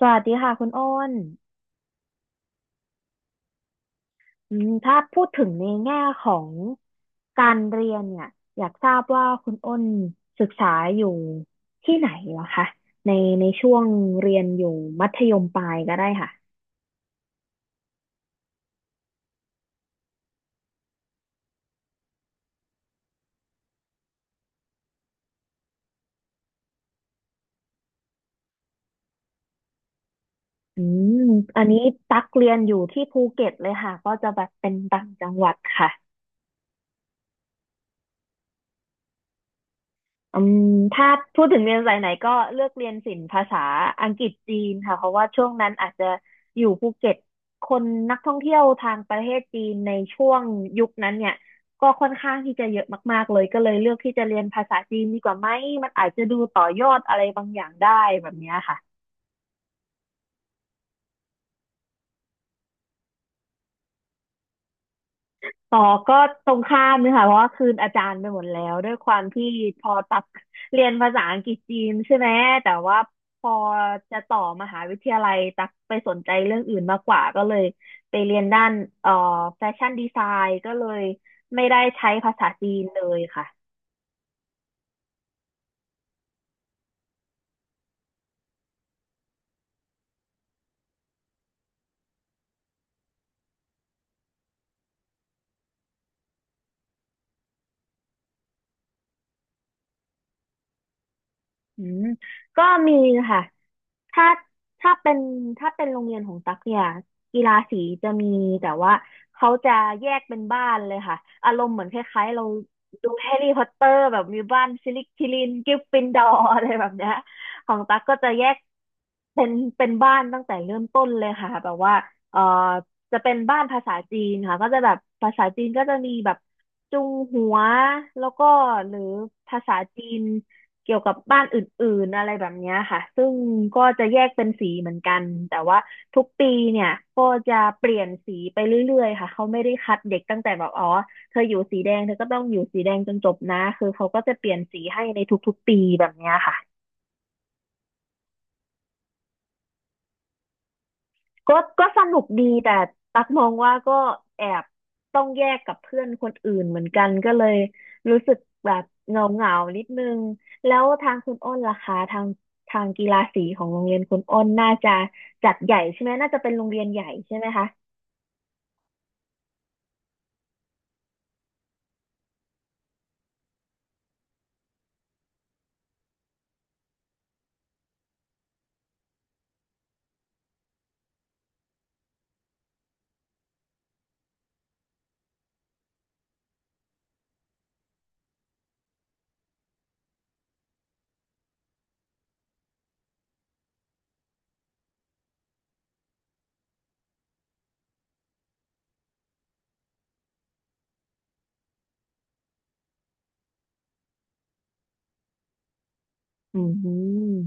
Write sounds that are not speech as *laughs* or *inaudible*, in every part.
สวัสดีค่ะคุณโอ้นอืมถ้าพูดถึงในแง่ของการเรียนเนี่ยอยากทราบว่าคุณโอ้นศึกษาอยู่ที่ไหนเหรอคะในในช่วงเรียนอยู่มัธยมปลายก็ได้ค่ะอืมอันนี้ตักเรียนอยู่ที่ภูเก็ตเลยค่ะก็จะแบบเป็นต่างจังหวัดค่ะ อืมถ้าพูดถึงเรียนสายไหนก็เลือกเรียนศิลป์ภาษาอังกฤษจีนค่ะเพราะว่าช่วงนั้นอาจจะอยู่ภูเก็ตคนนักท่องเที่ยวทางประเทศจีนในช่วงยุคนั้นเนี่ยก็ค่อนข้างที่จะเยอะมากๆเลยก็เลยเลือกที่จะเรียนภาษาจีนดีกว่าไหมมันอาจจะดูต่อยอดอะไรบางอย่างได้แบบเนี้ยค่ะ ต่อก็ตรงข้ามเลยค่ะเพราะว่าคืนอาจารย์ไปหมดแล้วด้วยความที่พอตักเรียนภาษาอังกฤษจีนใช่ไหมแต่ว่าพอจะต่อมหาวิทยาลัยตักไปสนใจเรื่องอื่นมากกว่าก็เลยไปเรียนด้านเอ่อแฟชั่นดีไซน์ก็เลยไม่ได้ใช้ภาษาจีนเลยค่ะ อืมก็มีค่ะถ้าถ้าเป็นถ้าเป็นโรงเรียนของตั๊กเนี่ย กีฬาสีจะมีแต่ว่าเขาจะแยกเป็นบ้านเลยค่ะ อารมณ์เหมือนคล้ายๆเราดูแฮร์รี่พอตเตอร์แบบมีบ้านซิลิคิลินกริฟฟินดอร์ *laughs* อะไรแบบเนี้ยของตั๊กก็จะแยกเป็นเป็นบ้านตั้งแต่เริ่มต้นเลยค่ะแบบว่าเอ่อจะเป็นบ้านภาษาจีนค่ะก็จะแบบภาษาจีนก็จะมีแบบจุงหัวแล้วก็หรือภาษาจีน เกี่ยวกับบ้านอื่นๆอะไรแบบเนี้ยค่ะซึ่งก็จะแยกเป็นสีเหมือนกัน แต่ว่าทุกปีเนี่ยก็จะเปลี่ยนสีไปเรื่อยๆค่ะ เขาไม่ได้คัดเด็กตั้งแต่แบบอ๋อ เธออยู่สีแดงเธอก็ต้องอยู่สีแดงจนจบนะ คือเขาก็จะเปลี่ยนสีให้ในทุกๆปีแบบเนี้ยค่ะ ก็สนุกดีแต่ตักมองว่าก็แอบต้องแยกกับเพื่อนคนอื่นเหมือนกันก็เลยรู้สึกแบบเหงาเหงานิดนึงแล้วทางคุณอ้นล่ะคะทางทางกีฬาสีของโรงเรียนคุณอ้นน่าจะจัดใหญ่ใช่ไหมน่าจะเป็นโรงเรียนใหญ่ใช่ไหมคะอืม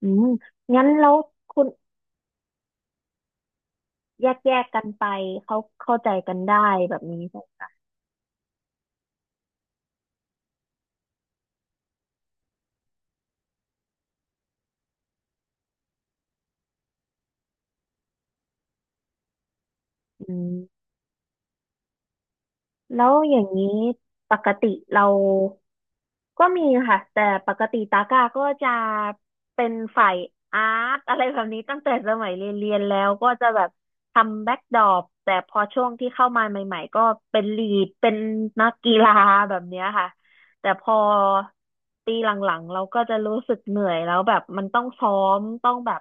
อืมงั้นแล้วคุณแยกกันไปเขาเข้าใจกันได้แบบนี้ใช่ไหมอืม แล้วอย่างนี้ปกติเราก็มีค่ะแต่ปกติตาก้าก็จะเป็นฝ่ายอาร์ตอะไรแบบนี้ตั้งแต่สมัยเรียนแล้วก็จะแบบทำแบ็กดรอปแต่พอช่วงที่เข้ามาใหม่ๆก็เป็นลีดเป็นนักกีฬาแบบเนี้ยค่ะ แต่พอปีหลังๆเราก็จะรู้สึกเหนื่อยแล้วแบบมันต้องซ้อมต้องแบบ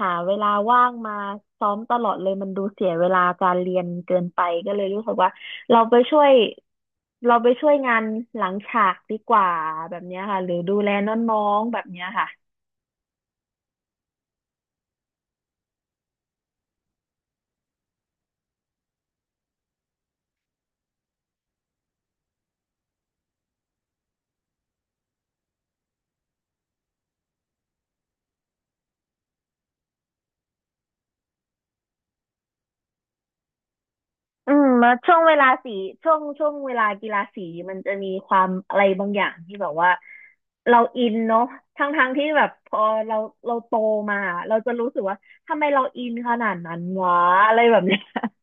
หาเวลาว่างมาซ้อมตลอดเลยมันดูเสียเวลาการเรียนเกินไปก็เลยรู้สึกว่าเราไปช่วยเราไปช่วยงานหลังฉากดีกว่าแบบเนี้ยค่ะหรือดูแลน้องๆแบบเนี้ยค่ะ อืมแช่วงเวลาสีช่วงช่วงเวลากีฬาสีมันจะมีความอะไรบางอย่างที่แบบว่าเราอินเนาะทั้งที่แบบพอเราเราโตมาเราจะรู้สึกว่าทำไมเราอินขนาดนั้นวะอะไรแบบเนี้ย *laughs*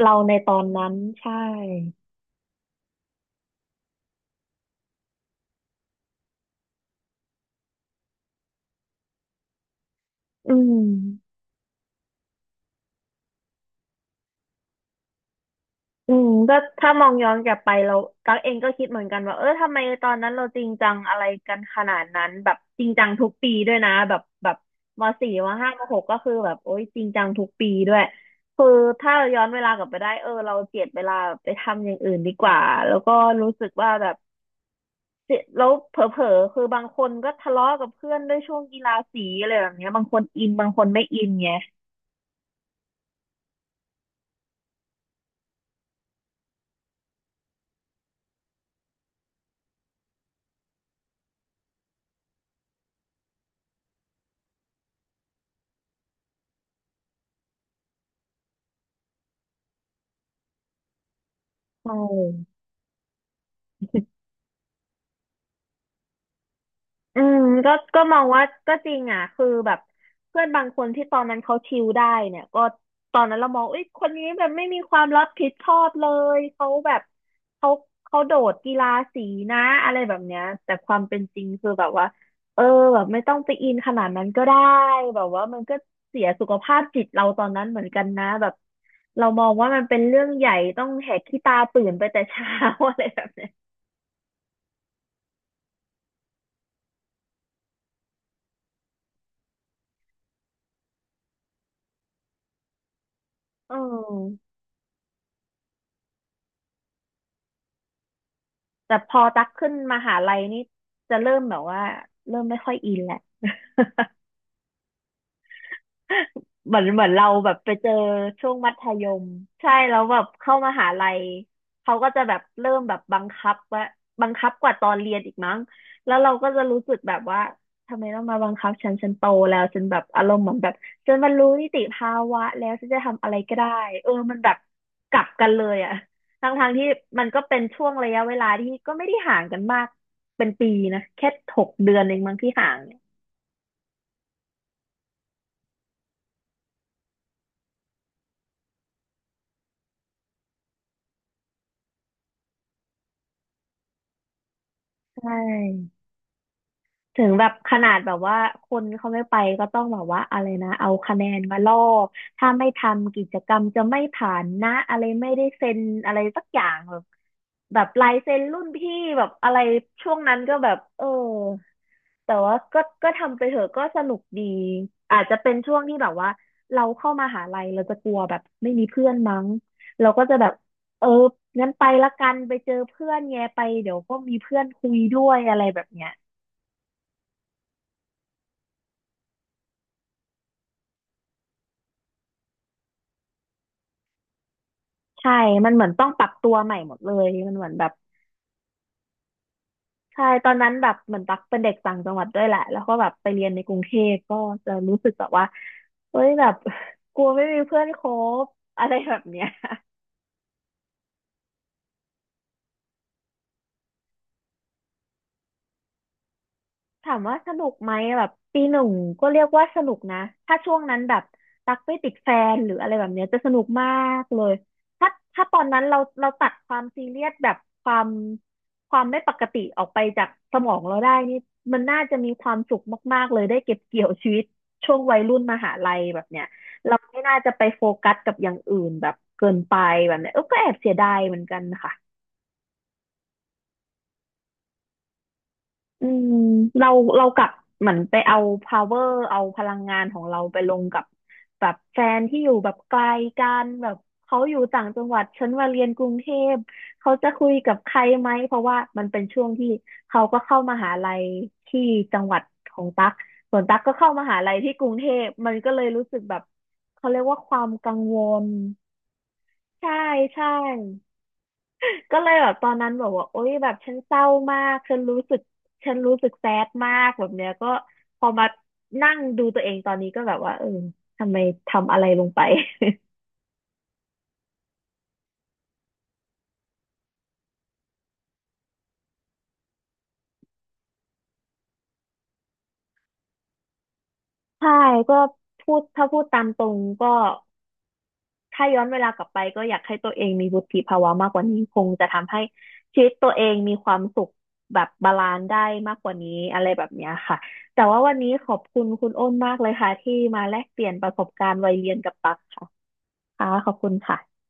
เราในตอนนั้นใช่อืม อืมก็ถ้ามองย้อนกลับไปเราตั๊กเองก็คิดเหมือนกันว่าเออทำไมตอนนั้นเราจริงจังอะไรกันขนาดนั้นแบบจริงจังทุกปีด้วยนะแบบมสี่มห้ามหกก็คือแบบโอ๊ยจริงจังทุกปีด้วยคือถ้าเราย้อนเวลากลับไปได้เออเราเจียดเวลาไปทำอย่างอื่นดีกว่าแล้วก็รู้สึกว่าแบบเสียแล้วเผลอๆคือบางคนก็ทะเลาะกับเพื่อนด้วยช่วงกีฬาสีอะไรแบบเนี้ยบางคนอินบางคนไม่อินไงใช่ อืมก็มองว่าก็จริงอ่ะคือแบบเพื่อนบางคนที่ตอนนั้นเขาชิลได้เนี่ยก็ตอนนั้นเรามองเอ้ยคนนี้แบบไม่มีความรับผิดชอบเลยเขาแบบเขาเขาโดดกีฬาสีนะอะไรแบบเนี้ยแต่ความเป็นจริงคือแบบว่าเออแบบไม่ต้องไปอินขนาดนั้นก็ได้แบบว่ามันก็เสียสุขภาพจิตเราตอนนั้นเหมือนกันนะแบบเรามองว่ามันเป็นเรื่องใหญ่ต้องแหกขี้ตาตื่นไปแต่เช้า *laughs* อะไรแบบเนี้ยเออ แต่พอตักขึ้นมหาลัยนี่จะเริ่มแบบว่าเริ่มไม่ค่อยอินแหละ เหมือนเราแบบไปเจอช่วงมัธยมใช่แล้วแบบเข้ามหาลัยเขาก็จะแบบเริ่มแบบบังคับว่าบังคับกว่าตอนเรียนอีกมั้งแล้วเราก็จะรู้สึกแบบว่าทำไมต้องมาบังคับฉันโตแล้วฉันแบบอารมณ์เหมือนแบบฉันบรรลุนิติภาวะแล้วฉันจะทำอะไรก็ได้เออมันแบบกลับกันเลยอะทั้งทางที่มันก็เป็นช่วงระยะเวลาที่ก็ไม่ได้ห่างกันมากเป็นปีนะแค่6 เดือนเองมั้งที่ห่างเนี่ยใช่ ถึงแบบขนาดแบบว่าคนเขาไม่ไปก็ต้องแบบว่าอะไรนะเอาคะแนนมาล่อถ้าไม่ทำกิจกรรมจะไม่ผ่านนะอะไรไม่ได้เซ็นอะไรสักอย่างแบบแบบลายเซ็นรุ่นพี่แบบอะไรช่วงนั้นก็แบบเออแต่ว่าก็ทำไปเถอะก็สนุกดีอาจจะเป็นช่วงที่แบบว่าเราเข้ามหาลัยเราจะกลัวแบบไม่มีเพื่อนมั้งเราก็จะแบบเอองั้นไปละกันไปเจอเพื่อนไงไปเดี๋ยวก็มีเพื่อนคุยด้วยอะไรแบบเนี้ย ใช่ มันเหมือนต้องปรับตัวใหม่หมดเลย มันเหมือนแบบใช่ ตอนนั้นแบบเหมือนตักเป็นเด็กต่างจังหวัดด้วยแหละ แล้วก็แบบไปเรียนในกรุงเทพก็จะรู้สึกแบบว่า เฮ้ยแบบ *laughs* กลัวไม่มีเพื่อนคบอะไรแบบเนี้ย ถามว่าสนุกไหมแบบปีหนึ่งก็เรียกว่าสนุกนะถ้าช่วงนั้นแบบตักไม่ติดแฟนหรืออะไรแบบเนี้ยจะสนุกมากเลยถ้าตอนนั้นเราตัดความซีเรียสแบบความความไม่ปกติออกไปจากสมองเราได้นี่มันน่าจะมีความสุขมากๆเลยได้เก็บเกี่ยวชีวิตช่วงวัยรุ่นมหาลัยแบบเนี้ยเราไม่น่าจะไปโฟกัสกับอย่างอื่นแบบเกินไปแบบเนี้ยเออก็แอบเสียดายเหมือนกันค่ะ อืมเราเรากลับเหมือนไปเอา power เอาพลังงานของเราไปลงกับแบบแฟนที่อยู่แบบไกลกันแบบเขาอยู่ต่างจังหวัดฉันมาเรียนกรุงเทพเขาจะคุยกับใครไหมเพราะว่ามันเป็นช่วงที่เขาก็เข้ามหาลัยที่จังหวัดของตั๊กส่วนตั๊กก็เข้ามหาลัยที่กรุงเทพมันก็เลยรู้สึกแบบเขาเรียกว่าความกังวลใช่ใช่ ก็เลยแบบตอนนั้นแบบว่าโอ๊ยแบบฉันเศร้ามากฉันรู้สึกแซดมากแบบเนี้ยก็พอมานั่งดูตัวเองตอนนี้ก็แบบว่าเออทำไมทำอะไรลงไป *laughs* ใช่ก็พูดพูดตามตรงก็ถ้าย้อนเวลากลับไปก็อยากให้ตัวเองมีวุฒิภาวะมากกว่านี้คงจะทำให้ชีวิตตัวเองมีความสุขแบบบาลานซ์ได้มากกว่านี้อะไรแบบเนี้ยค่ะแต่ว่าวันนี้ขอบคุณคุณอ้นมากเลยค่ะที่มาแลกเปลี่ยนประสบการณ์วัยเรียนกับตักค่ะค่ะขอบคุณค่ะ